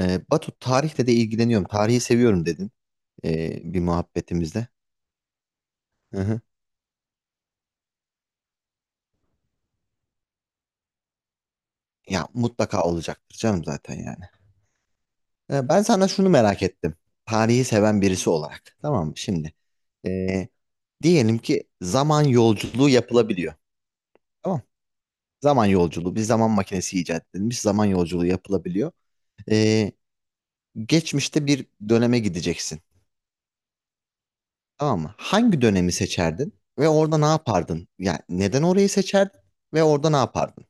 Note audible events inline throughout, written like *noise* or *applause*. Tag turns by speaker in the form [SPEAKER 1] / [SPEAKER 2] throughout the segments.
[SPEAKER 1] Batu tarihle de ilgileniyorum. Tarihi seviyorum dedin bir muhabbetimizde. Hı hı. Ya mutlaka olacaktır canım zaten yani. Ben sana şunu merak ettim. Tarihi seven birisi olarak. Tamam mı şimdi? Ee, Diyelim ki zaman yolculuğu yapılabiliyor. Tamam. Zaman yolculuğu. Bir zaman makinesi icat edilmiş. Zaman yolculuğu yapılabiliyor. Ee, Geçmişte bir döneme gideceksin. Tamam mı? Hangi dönemi seçerdin? Ve orada ne yapardın? Yani neden orayı seçerdin? Ve orada ne yapardın?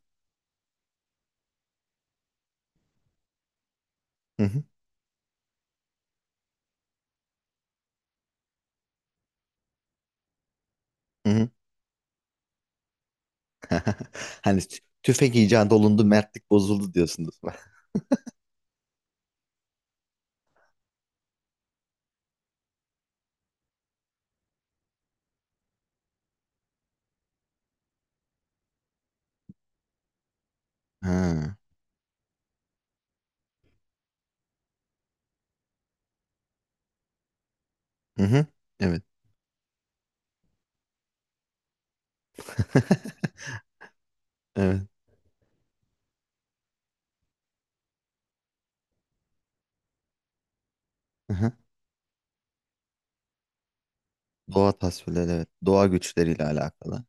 [SPEAKER 1] Hı hı. Hı hı. *laughs* Hani tüfek icat olundu, mertlik bozuldu diyorsunuz. *laughs* Ha. Hı hı. Evet. *laughs* Evet. Hı hı. Doğa tasvirleri evet. Doğa güçleriyle alakalı.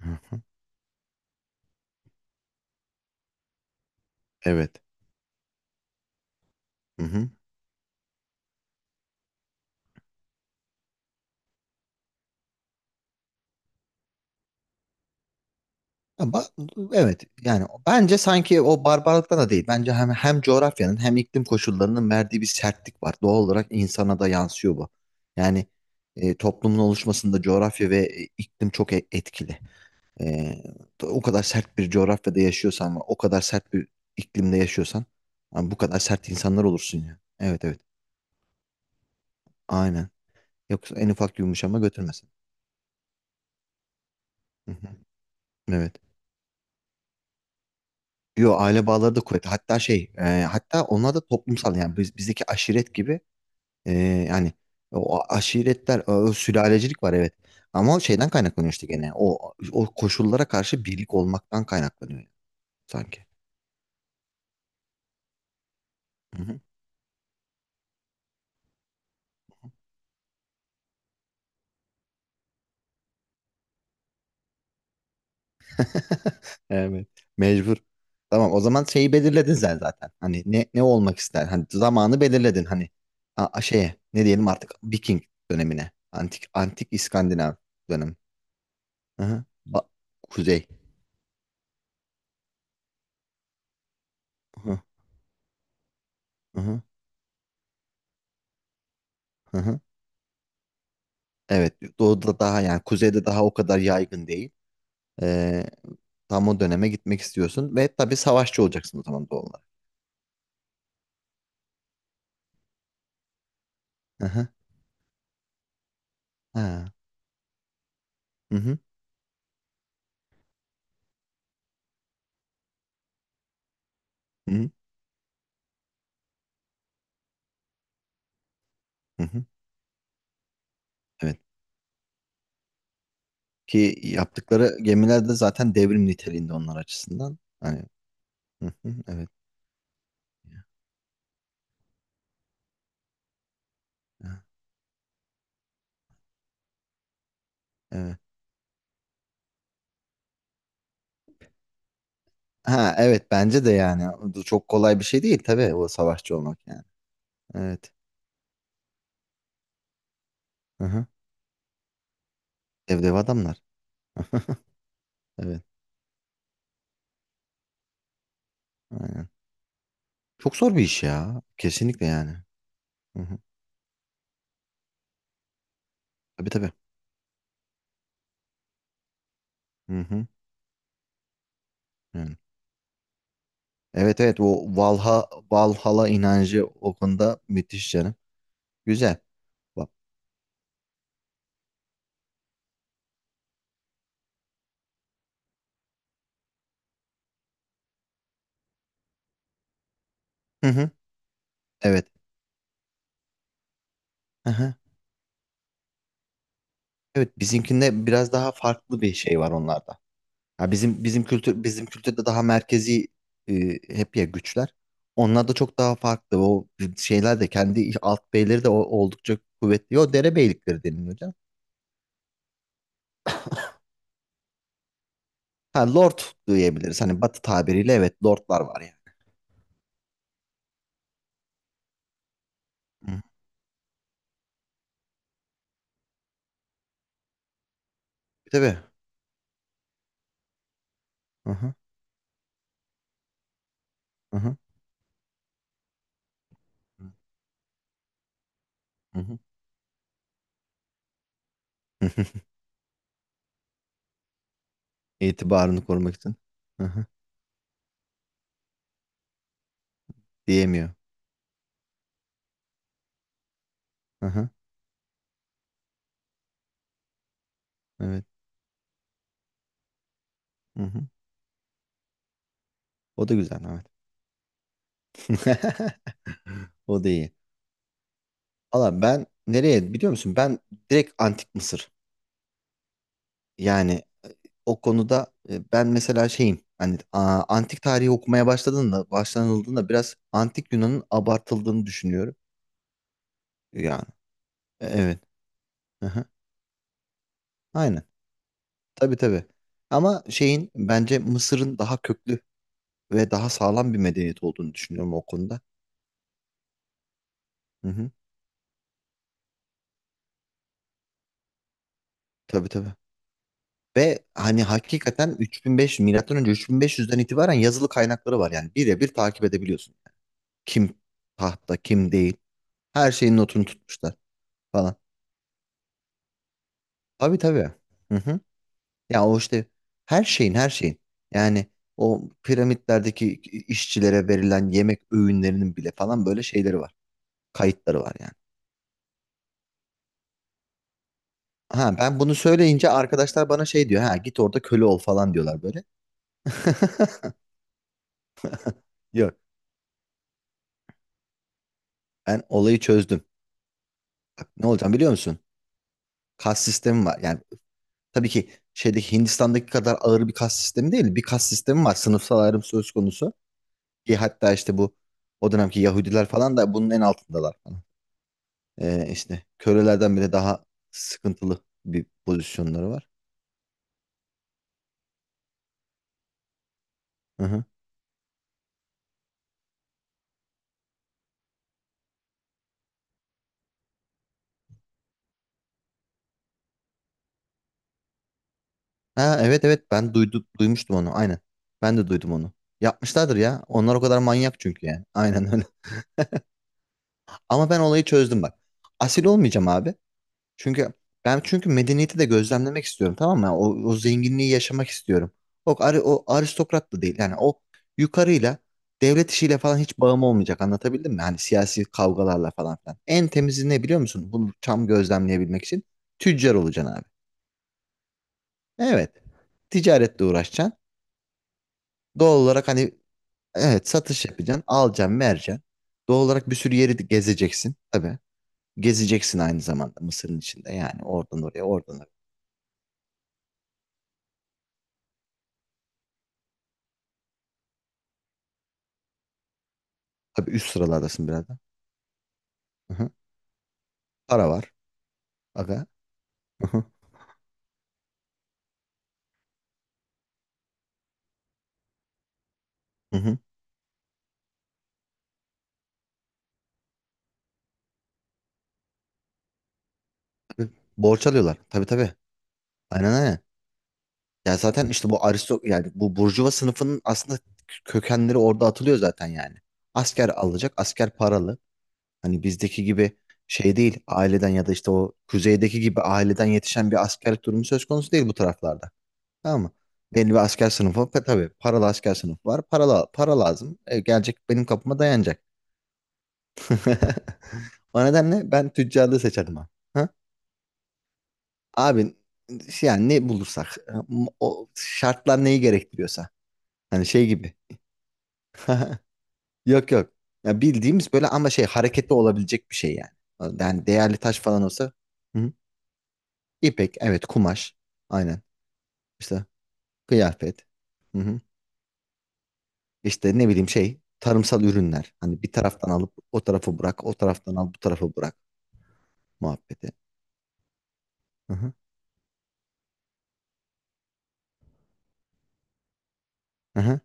[SPEAKER 1] Hı hı. Evet. Hı hı. Ama evet yani bence sanki o barbarlıkta da değil. Bence hem coğrafyanın hem iklim koşullarının verdiği bir sertlik var. Doğal olarak insana da yansıyor bu. Yani toplumun oluşmasında coğrafya ve iklim çok etkili. Ee, O kadar sert bir coğrafyada yaşıyorsan, ve o kadar sert bir iklimde yaşıyorsan, abi bu kadar sert insanlar olursun ya. Evet evet. Aynen. Yoksa en ufak yumuşama götürmesin. Hı hı. Evet. Yo aile bağları da kuvvetli. Hatta şey, hatta onlar da toplumsal yani biz, bizdeki aşiret gibi e, yani o aşiretler, o sülalecilik var evet. Ama o şeyden kaynaklanıyor işte gene. O koşullara karşı birlik olmaktan kaynaklanıyor yani sanki. *laughs* Evet. Mecbur. Tamam o zaman şeyi belirledin sen zaten. Hani ne olmak ister? Hani zamanı belirledin hani şeye ne diyelim artık Viking dönemine. Antik İskandinav dönem. Hı-hı. Kuzey. Hı-hı. Hı-hı. Hı-hı. Evet, doğuda daha yani kuzeyde daha o kadar yaygın değil. Ee, Tam o döneme gitmek istiyorsun ve tabii savaşçı olacaksın o zaman doğal olarak. Hı-hı. Ha. Hı-hı. Hı-hı. Hı-hı. Evet. Ki yaptıkları gemiler de zaten devrim niteliğinde onlar açısından. Hani hı hı, evet. Ha, evet. Ha evet bence de yani. Bu çok kolay bir şey değil tabii o savaşçı olmak yani. Evet. Hı hı. Dev dev adamlar. *laughs* Evet. Aynen. Çok zor bir iş ya. Kesinlikle yani. Hı hı. Tabii tabii. Hı hı. Yani. Evet evet o Valha, Valhalla inancı o konuda müthiş canım. Güzel. Hı hı. Evet. Hı hı. Evet bizimkinde biraz daha farklı bir şey var onlarda. Ha bizim kültür bizim kültürde daha merkezi hep ya güçler. Onlar da çok daha farklı. O şeyler de kendi alt beyleri de oldukça kuvvetli. O dere beylikleri deniliyor canım. Ha lord diyebiliriz. Hani batı tabiriyle evet lordlar var yani. Hı. Tabii. Hı hı. Hı hı. Hı hı. *laughs* İtibarını korumak için. Hı hı. Diyemiyor. Hı hı. Evet. Hı hı. O da güzel. Evet. *laughs* O da iyi. Valla ben nereye biliyor musun? Ben direkt Antik Mısır. Yani o konuda ben mesela şeyim. Hani antik tarihi okumaya başladığında, başlanıldığında biraz antik Yunan'ın abartıldığını düşünüyorum. Yani evet. Hı hı. Aynen. Tabii tabii. Ama şeyin bence Mısır'ın daha köklü ve daha sağlam bir medeniyet olduğunu düşünüyorum o konuda. Hı hı. Tabii tabii. Ve hani hakikaten 3500 milattan önce 3500'den itibaren yazılı kaynakları var yani birebir takip edebiliyorsun. Kim tahtta kim değil. Her şeyin notunu tutmuşlar falan. Tabii tabii. Hı hı. Ya o işte her şeyin her şeyin. Yani o piramitlerdeki işçilere verilen yemek öğünlerinin bile falan böyle şeyleri var. Kayıtları var yani. Ha ben bunu söyleyince arkadaşlar bana şey diyor. Ha git orada köle ol falan diyorlar böyle. *laughs* Yok ben olayı çözdüm. Bak, ne olacağım biliyor musun? Kas sistemi var. Yani tabii ki şeydeki Hindistan'daki kadar ağır bir kas sistemi değil. Bir kas sistemi var. Sınıfsal ayrım söz konusu. Ki hatta işte bu o dönemki Yahudiler falan da bunun en altındalar falan. İşte kölelerden bile daha sıkıntılı bir pozisyonları var. Hı hı. Ha evet evet ben duydum duymuştum onu. Aynen. Ben de duydum onu. Yapmışlardır ya. Onlar o kadar manyak çünkü yani. Aynen öyle. *laughs* Ama ben olayı çözdüm bak. Asil olmayacağım abi. Çünkü ben çünkü medeniyeti de gözlemlemek istiyorum tamam mı? O, o zenginliği yaşamak istiyorum. O, o aristokrat da değil. Yani o yukarıyla devlet işiyle falan hiç bağım olmayacak. Anlatabildim mi? Hani siyasi kavgalarla falan filan. En temizi ne biliyor musun? Bunu tam gözlemleyebilmek için tüccar olacaksın abi. Evet. Ticaretle uğraşacaksın. Doğal olarak hani evet satış yapacaksın. Alacaksın, vereceksin. Doğal olarak bir sürü yeri de gezeceksin. Tabii. Gezeceksin aynı zamanda Mısır'ın içinde. Yani oradan oraya, oradan oraya. Tabii üst sıralardasın biraz. Aha. Para var. Aga. Aha. Hı hı. Tabii. Borç alıyorlar. Tabii tabii. Aynen aynen. Ya zaten işte bu aristo yani bu burjuva sınıfının aslında kökenleri orada atılıyor zaten yani. Asker alacak, asker paralı. Hani bizdeki gibi şey değil, aileden ya da işte o kuzeydeki gibi aileden yetişen bir askerlik durumu söz konusu değil bu taraflarda. Tamam mı? Belli bir asker sınıfı tabii paralı asker sınıfı var. Para, para lazım. Gelecek benim kapıma dayanacak. *laughs* O nedenle ben tüccarlığı seçerdim ha. Abi şey, yani ne bulursak o şartlar neyi gerektiriyorsa hani şey gibi. *laughs* Yok yok. Ya bildiğimiz böyle ama şey hareketli olabilecek bir şey yani. Yani değerli taş falan olsa hı hı. İpek evet kumaş aynen İşte kıyafet hı hı. İşte ne bileyim şey tarımsal ürünler. Hani bir taraftan alıp o tarafa bırak o taraftan al bu tarafa bırak muhabbeti. Hı hı. Hı hı.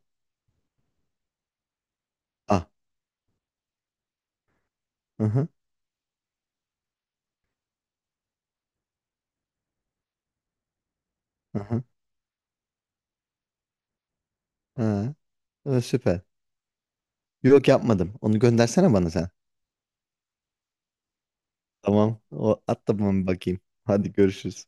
[SPEAKER 1] Ah. Hı hı. Hı hı. Ha. Süper. Yok yapmadım. Onu göndersene bana sen. Tamam. O, at da ben bakayım. Hadi görüşürüz.